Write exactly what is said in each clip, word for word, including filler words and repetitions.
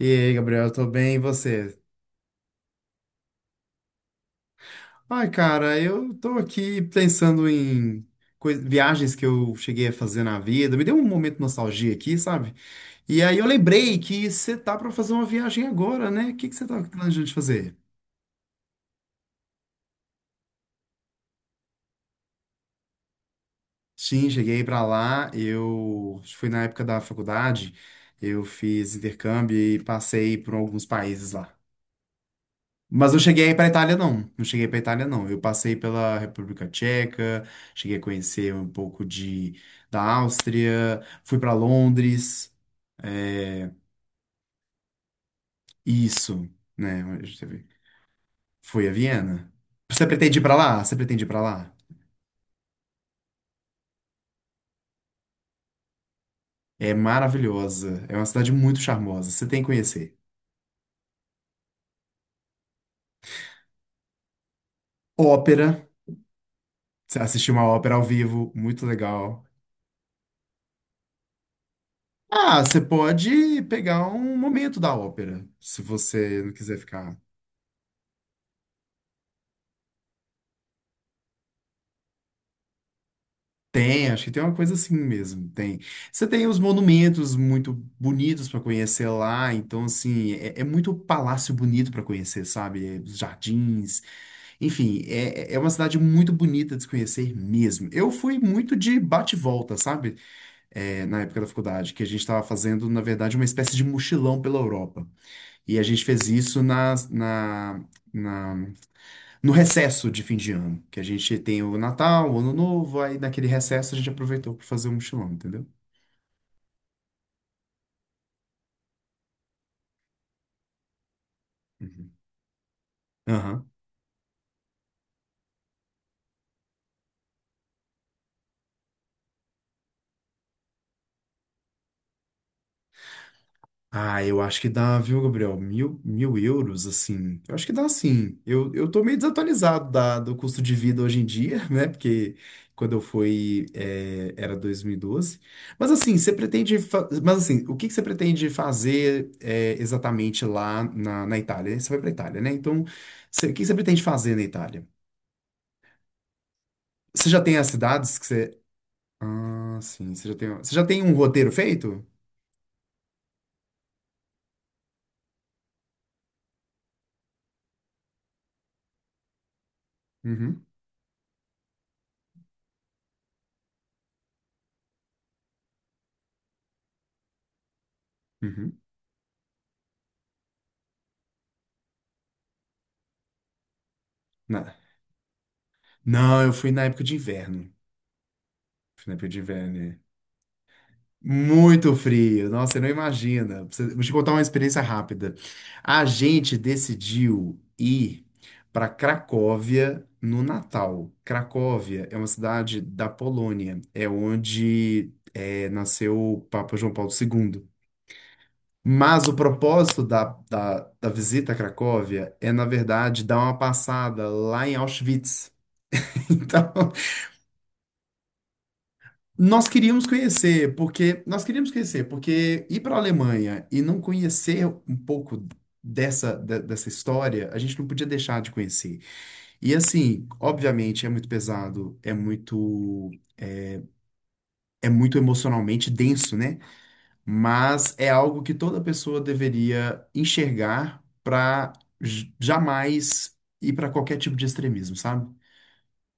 E aí, Gabriel, tô bem, e você? Ai, cara, eu tô aqui pensando em coi- viagens que eu cheguei a fazer na vida. Me deu um momento de nostalgia aqui, sabe? E aí eu lembrei que você tá pra fazer uma viagem agora, né? O que que você tá planejando de fazer? Sim, cheguei pra lá, eu fui na época da faculdade, eu fiz intercâmbio e passei por alguns países lá. Mas não cheguei aí para Itália, não. Não cheguei para Itália, não. Eu passei pela República Tcheca, cheguei a conhecer um pouco de, da Áustria, fui para Londres. É, isso, né? Deixa eu ver. Fui a Viena. Você pretende ir para lá? Você pretende ir para lá? É maravilhosa. É uma cidade muito charmosa. Você tem que conhecer. Ópera. Você assistir uma ópera ao vivo, muito legal. Ah, você pode pegar um momento da ópera, se você não quiser ficar. Tem, acho que tem uma coisa assim mesmo, tem. Você tem os monumentos muito bonitos para conhecer lá, então assim, é, é muito palácio bonito para conhecer, sabe? É, os jardins, enfim, é, é é uma cidade muito bonita de se conhecer mesmo. Eu fui muito de bate-volta, sabe? É, na época da faculdade, que a gente estava fazendo, na verdade, uma espécie de mochilão pela Europa. E a gente fez isso nas- na, na, no recesso de fim de ano, que a gente tem o Natal, o Ano Novo, aí naquele recesso a gente aproveitou para fazer um mochilão, entendeu? Uhum. Aham. Ah, eu acho que dá, viu, Gabriel? Mil, mil euros, assim. Eu acho que dá, sim. Eu, eu tô meio desatualizado da, do custo de vida hoje em dia, né? Porque quando eu fui, é, era dois mil e doze. Mas assim, você pretende. fa- Mas assim, o que que você pretende fazer é, exatamente lá na, na Itália? Você vai pra Itália, né? Então, você- o que que você pretende fazer na Itália? Você já tem as cidades que você. Ah, sim. Você já tem, você já tem um roteiro feito? Uhum. Uhum. Na- Não, eu fui na época de inverno. Fui na época de inverno. É. Muito frio. Nossa, você não imagina. Você- Vou te contar uma experiência rápida. A gente decidiu ir para Cracóvia no Natal. Cracóvia é uma cidade da Polônia. É onde é, nasceu o Papa João Paulo segundo. Mas o propósito da, da, da visita a Cracóvia é, na verdade, dar uma passada lá em Auschwitz. Então, nós queríamos conhecer, porque nós queríamos conhecer, porque ir para a Alemanha e não conhecer um pouco dessa, de- dessa história, a gente não podia deixar de conhecer. E assim, obviamente, é muito pesado, é muito é muito emocionalmente denso, né? Mas é algo que toda pessoa deveria enxergar para jamais ir para qualquer tipo de extremismo, sabe?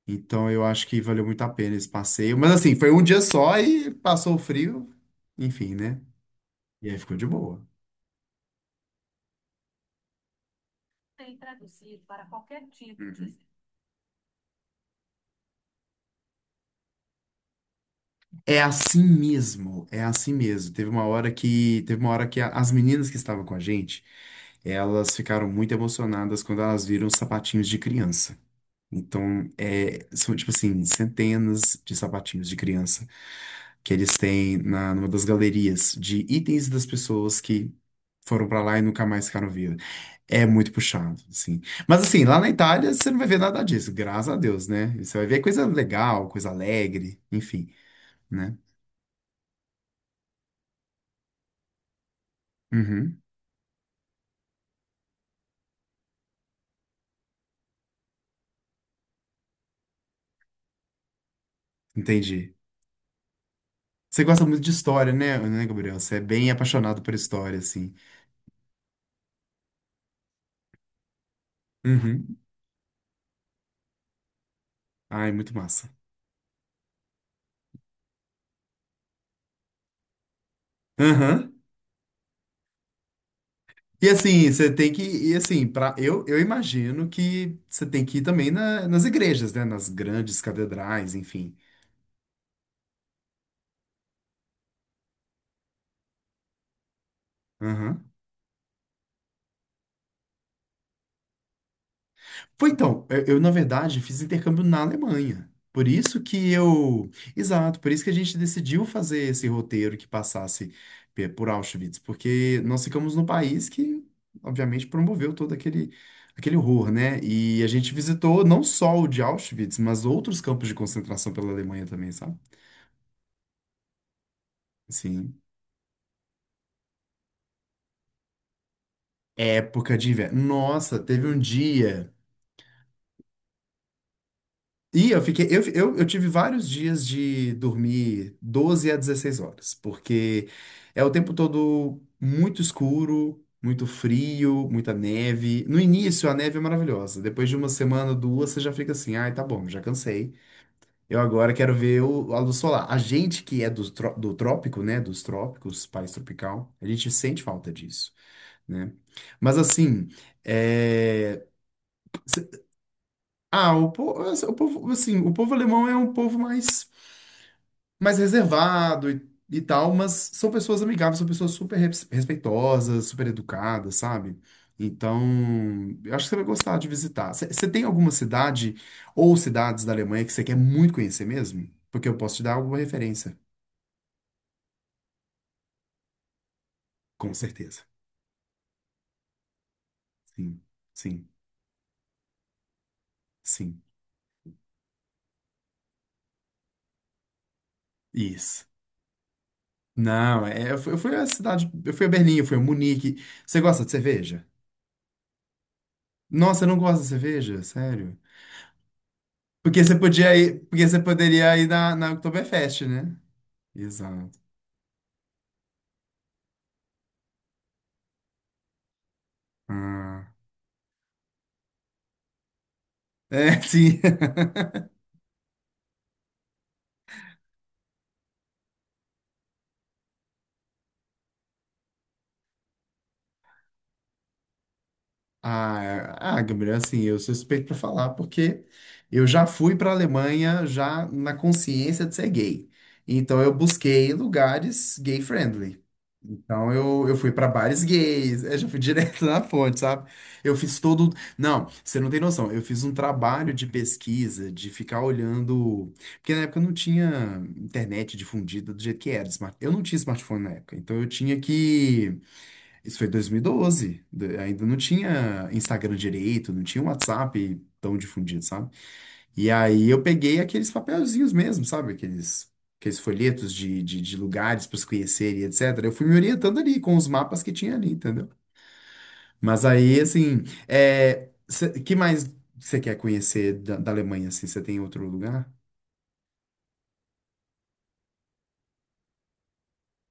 Então eu acho que valeu muito a pena esse passeio. Mas assim, foi um dia só e passou o frio, enfim, né? E aí ficou de boa. Uhum. É assim mesmo, é assim mesmo. Teve uma hora que, teve uma hora que a- as meninas que estavam com a gente, elas ficaram muito emocionadas quando elas viram os sapatinhos de criança. Então, é, são, tipo assim, centenas de sapatinhos de criança que eles têm na, numa das galerias de itens das pessoas que foram pra lá e nunca mais ficaram vivas. É muito puxado, assim. Mas, assim, lá na Itália você não vai ver nada disso, graças a Deus, né? Você vai ver coisa legal, coisa alegre, enfim, né? Uhum, entendi. Você gosta muito de história, né, né, Gabriel? Você é bem apaixonado por história, assim. Uhum. Ai, muito massa. Aham. E assim, você tem que e assim, para eu, eu imagino que você tem que ir também na- nas igrejas, né? Nas grandes catedrais, enfim. Aham. Foi então, eu, eu, na verdade fiz intercâmbio na Alemanha. Por isso que eu, Exato, por isso que a gente decidiu fazer esse roteiro que passasse pe- por Auschwitz, porque nós ficamos num país que, obviamente, promoveu todo aquele aquele horror, né? E a gente visitou não só o de Auschwitz, mas outros campos de concentração pela Alemanha também, sabe? Sim. Época de inverno. Nossa, teve um dia. E eu fiquei. Eu, eu, eu tive vários dias de dormir doze a dezesseis horas, porque é o tempo todo muito escuro, muito frio, muita neve. No início, a neve é maravilhosa. Depois de uma semana, duas, você já fica assim: ai, tá bom, já cansei. Eu agora quero ver o, a luz solar. A gente que é do, tró- do trópico, né? Dos trópicos, país tropical, a gente sente falta disso, né? Mas assim. eh, Ah, o povo, o povo, assim, o povo alemão é um povo mais, mais reservado e, e tal, mas são pessoas amigáveis, são pessoas super res- respeitosas, super educadas, sabe? Então, eu acho que você vai gostar de visitar. Você você tem alguma cidade ou cidades da Alemanha que você quer muito conhecer mesmo? Porque eu posso te dar alguma referência, com certeza. Sim, sim, sim. Isso. Não, é, eu fui eu fui à cidade, eu fui a Berlim, eu fui a Munique. Você gosta de cerveja? Nossa, eu não gosto de cerveja, sério. Porque você podia ir, porque você poderia ir na, na Oktoberfest, né? Exato. Ah, é, sim. Ah, ah, Gabriel, assim, eu sou suspeito pra falar, porque eu já fui pra Alemanha já na consciência de ser gay. Então eu busquei lugares gay friendly. Então eu, eu fui pra bares gays, eu já fui direto na fonte, sabe? Eu fiz todo. Não, você não tem noção. Eu fiz um trabalho de pesquisa, de ficar olhando. Porque na época não tinha internet difundida do jeito que era. smart- Eu não tinha smartphone na época. Então eu tinha que. Isso foi dois mil e doze. d- Ainda não tinha Instagram direito, não tinha WhatsApp tão difundido, sabe? E aí eu peguei aqueles papelzinhos mesmo, sabe? Aqueles, aqueles folhetos de, de, de lugares para se conhecer e etcétera. Eu fui me orientando ali com os mapas que tinha ali, entendeu? Mas aí, assim, é, cê- que mais você quer conhecer da, da Alemanha, assim? Você tem outro lugar?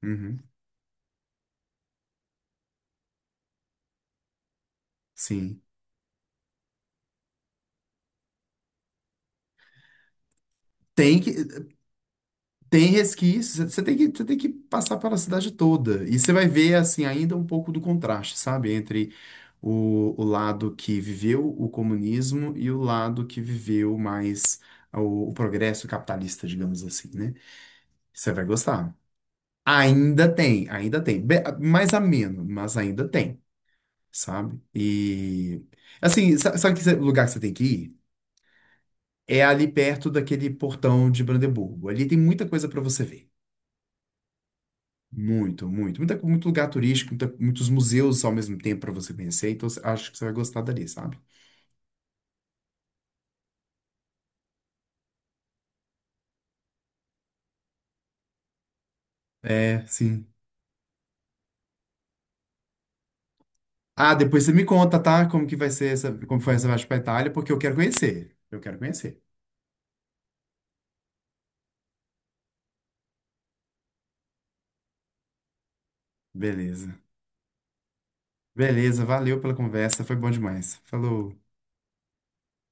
Uhum, sim. Tem que. Tem resquícios, você tem que, você tem que passar pela cidade toda. E você vai ver, assim, ainda um pouco do contraste, sabe? Entre o, o lado que viveu o comunismo e o lado que viveu mais o, o progresso capitalista, digamos assim, né? Você vai gostar. Ainda tem, ainda tem. Be- mais ameno, mas ainda tem, sabe? E, assim, sa- sabe que lugar que você tem que ir? É ali perto daquele portão de Brandeburgo. Ali tem muita coisa para você ver. Muito, muito. Muita, muito lugar turístico, muita- muitos museus ao mesmo tempo para você conhecer. Então, cê- acho que você vai gostar dali, sabe? É, sim. Ah, depois você me conta, tá? Como que vai ser essa, como foi essa viagem pra Itália, porque eu quero conhecer. Eu quero conhecer. Beleza. Beleza, valeu pela conversa, foi bom demais. Falou.